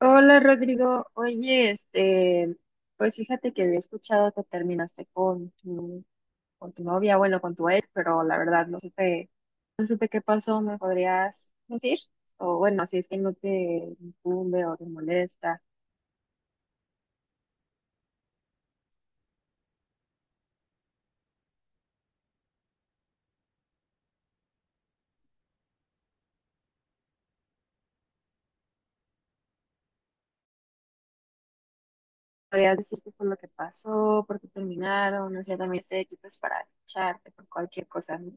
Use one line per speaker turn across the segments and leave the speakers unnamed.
Hola Rodrigo, oye, pues fíjate que había escuchado que terminaste con tu novia, bueno, con tu ex, pero la verdad no supe qué pasó, ¿me podrías decir? O bueno, si es que no te incumbe o te molesta, ¿podrías decir qué fue lo que pasó, por qué terminaron? O sea, también este aquí es para escucharte por cualquier cosa. ¿No?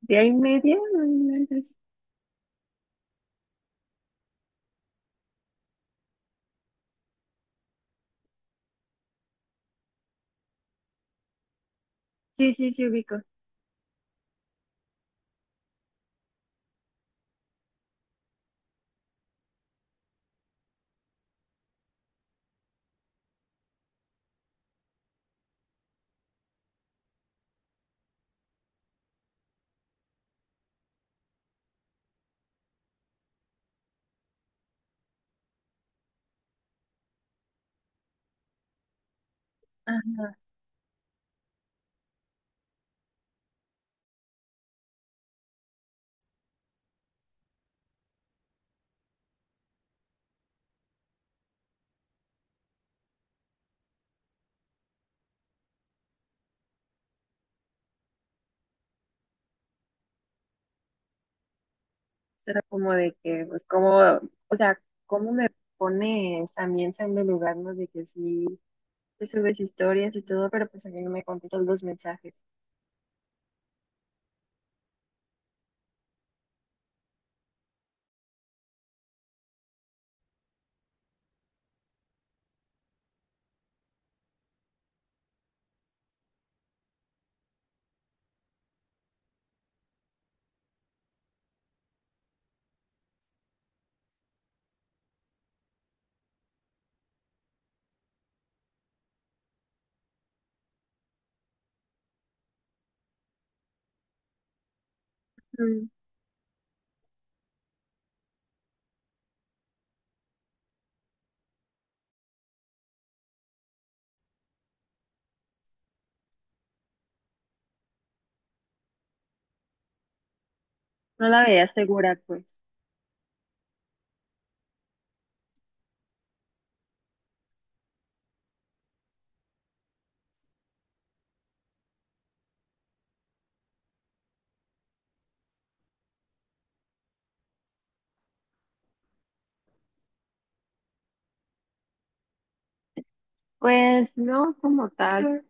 ¿De ahí media? No inventes. Sí, sí, sí, ubico. Ajá. Era como de que, pues, como, o sea, cómo me pones a mí en segundo lugar, ¿no? De que sí, te subes historias y todo, pero pues a mí no me contestas los mensajes. Mm, no la veía segura, pues. Pues no como tal.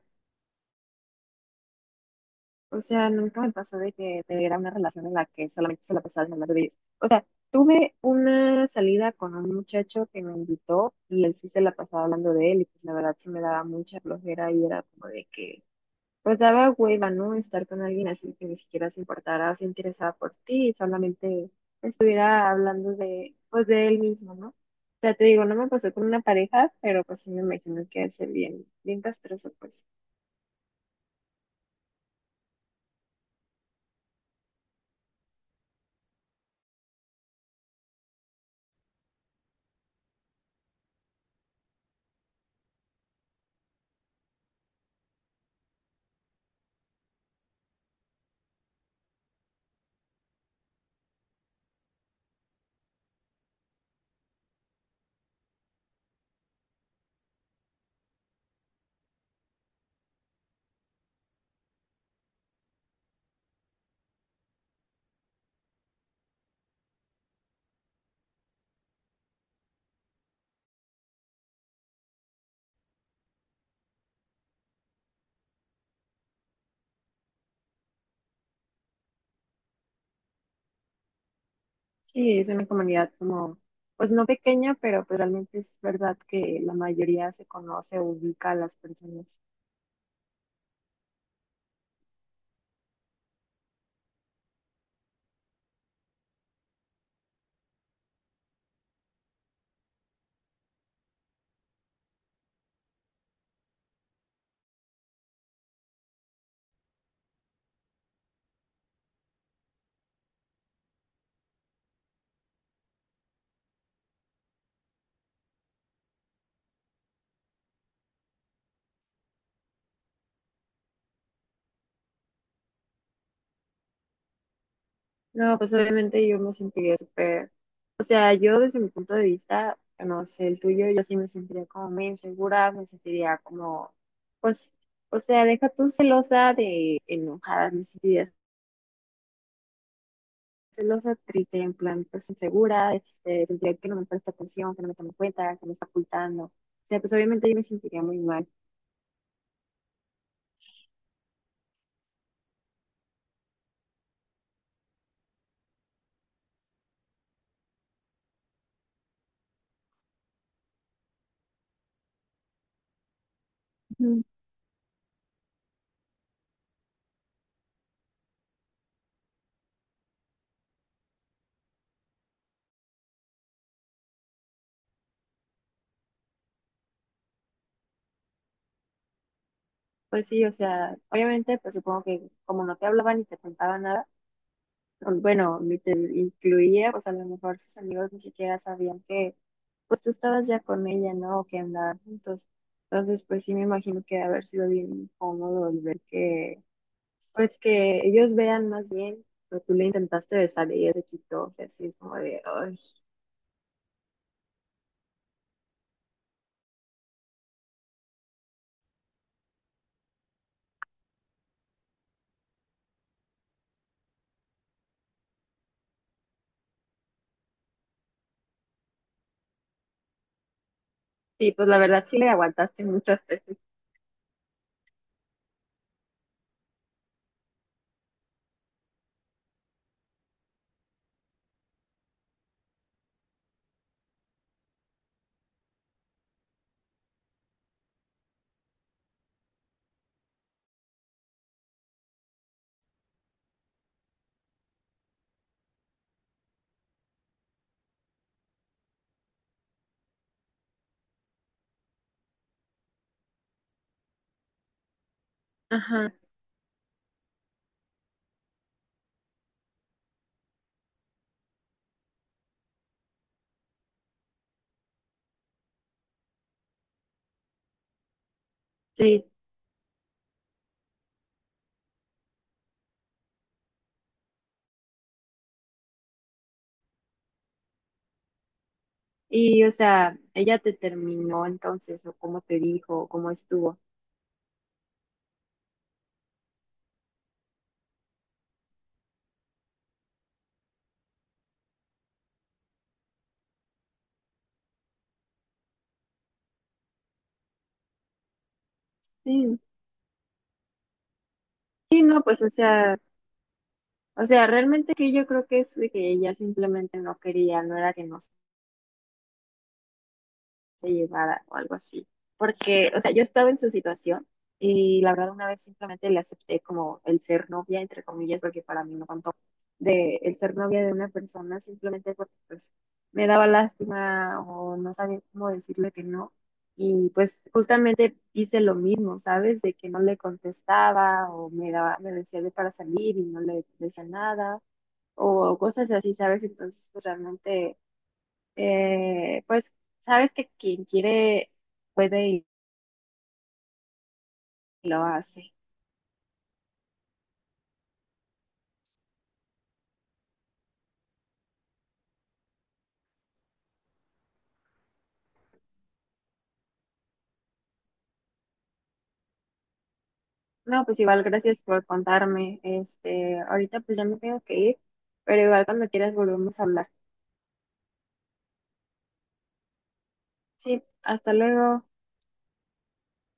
O sea, nunca me pasó de que tuviera una relación en la que solamente se la pasaba hablando de ellos. O sea, tuve una salida con un muchacho que me invitó y él sí se la pasaba hablando de él y pues la verdad sí me daba mucha flojera y era como de que pues daba hueva, ¿no? Estar con alguien así que ni siquiera se importara o se interesaba por ti y solamente estuviera hablando de, pues, de él mismo, ¿no? O sea, te digo, no me pasó con una pareja, pero pues sí me imagino que es bien, bien castroso, pues. Sí, es una comunidad como, pues no pequeña, pero pues realmente es verdad que la mayoría se conoce, ubica a las personas. No, pues obviamente yo me sentiría súper, o sea, yo desde mi punto de vista, no sé, el tuyo, yo sí me sentiría como muy insegura, me sentiría como, pues, o sea, deja tú celosa de enojada, me sentiría celosa, triste, en plan, pues insegura, sentiría que no me presta atención, que no me toma en cuenta, que me está ocultando, o sea, pues obviamente yo me sentiría muy mal. Ujú. Pues sí, o sea, obviamente, pues supongo que como no te hablaban ni te contaban nada, bueno, ni te incluía, pues a lo mejor sus amigos ni siquiera sabían que, pues tú estabas ya con ella, ¿no? O que andaban juntos. Entonces, pues sí me imagino que ha de haber sido bien incómodo el ver que, pues que ellos vean más bien, pero tú le intentaste besar y ella se quitó, o sea, así es como de, ay. Sí, pues la verdad sí le aguantaste muchas veces. Ajá, sí. Y, o sea, ella te terminó entonces, o cómo te dijo, o cómo estuvo. Sí, sí, no, pues, o sea. O sea, realmente que yo creo que es de que ella simplemente no quería, no era que no se llevara o algo así. Porque, o sea, yo estaba en su situación y la verdad una vez simplemente le acepté como el ser novia, entre comillas, porque para mí no contó, de el ser novia de una persona simplemente porque pues me daba lástima o no sabía cómo decirle que no. Y pues justamente hice lo mismo, ¿sabes? De que no le contestaba o me daba, me decía de para salir y no le decía nada o cosas así, ¿sabes? Entonces, pues realmente, eh, pues, sabes que quien quiere puede y lo hace. No, pues igual, gracias por contarme. Ahorita pues ya me tengo que ir, pero igual cuando quieras volvemos a hablar. Sí, hasta luego.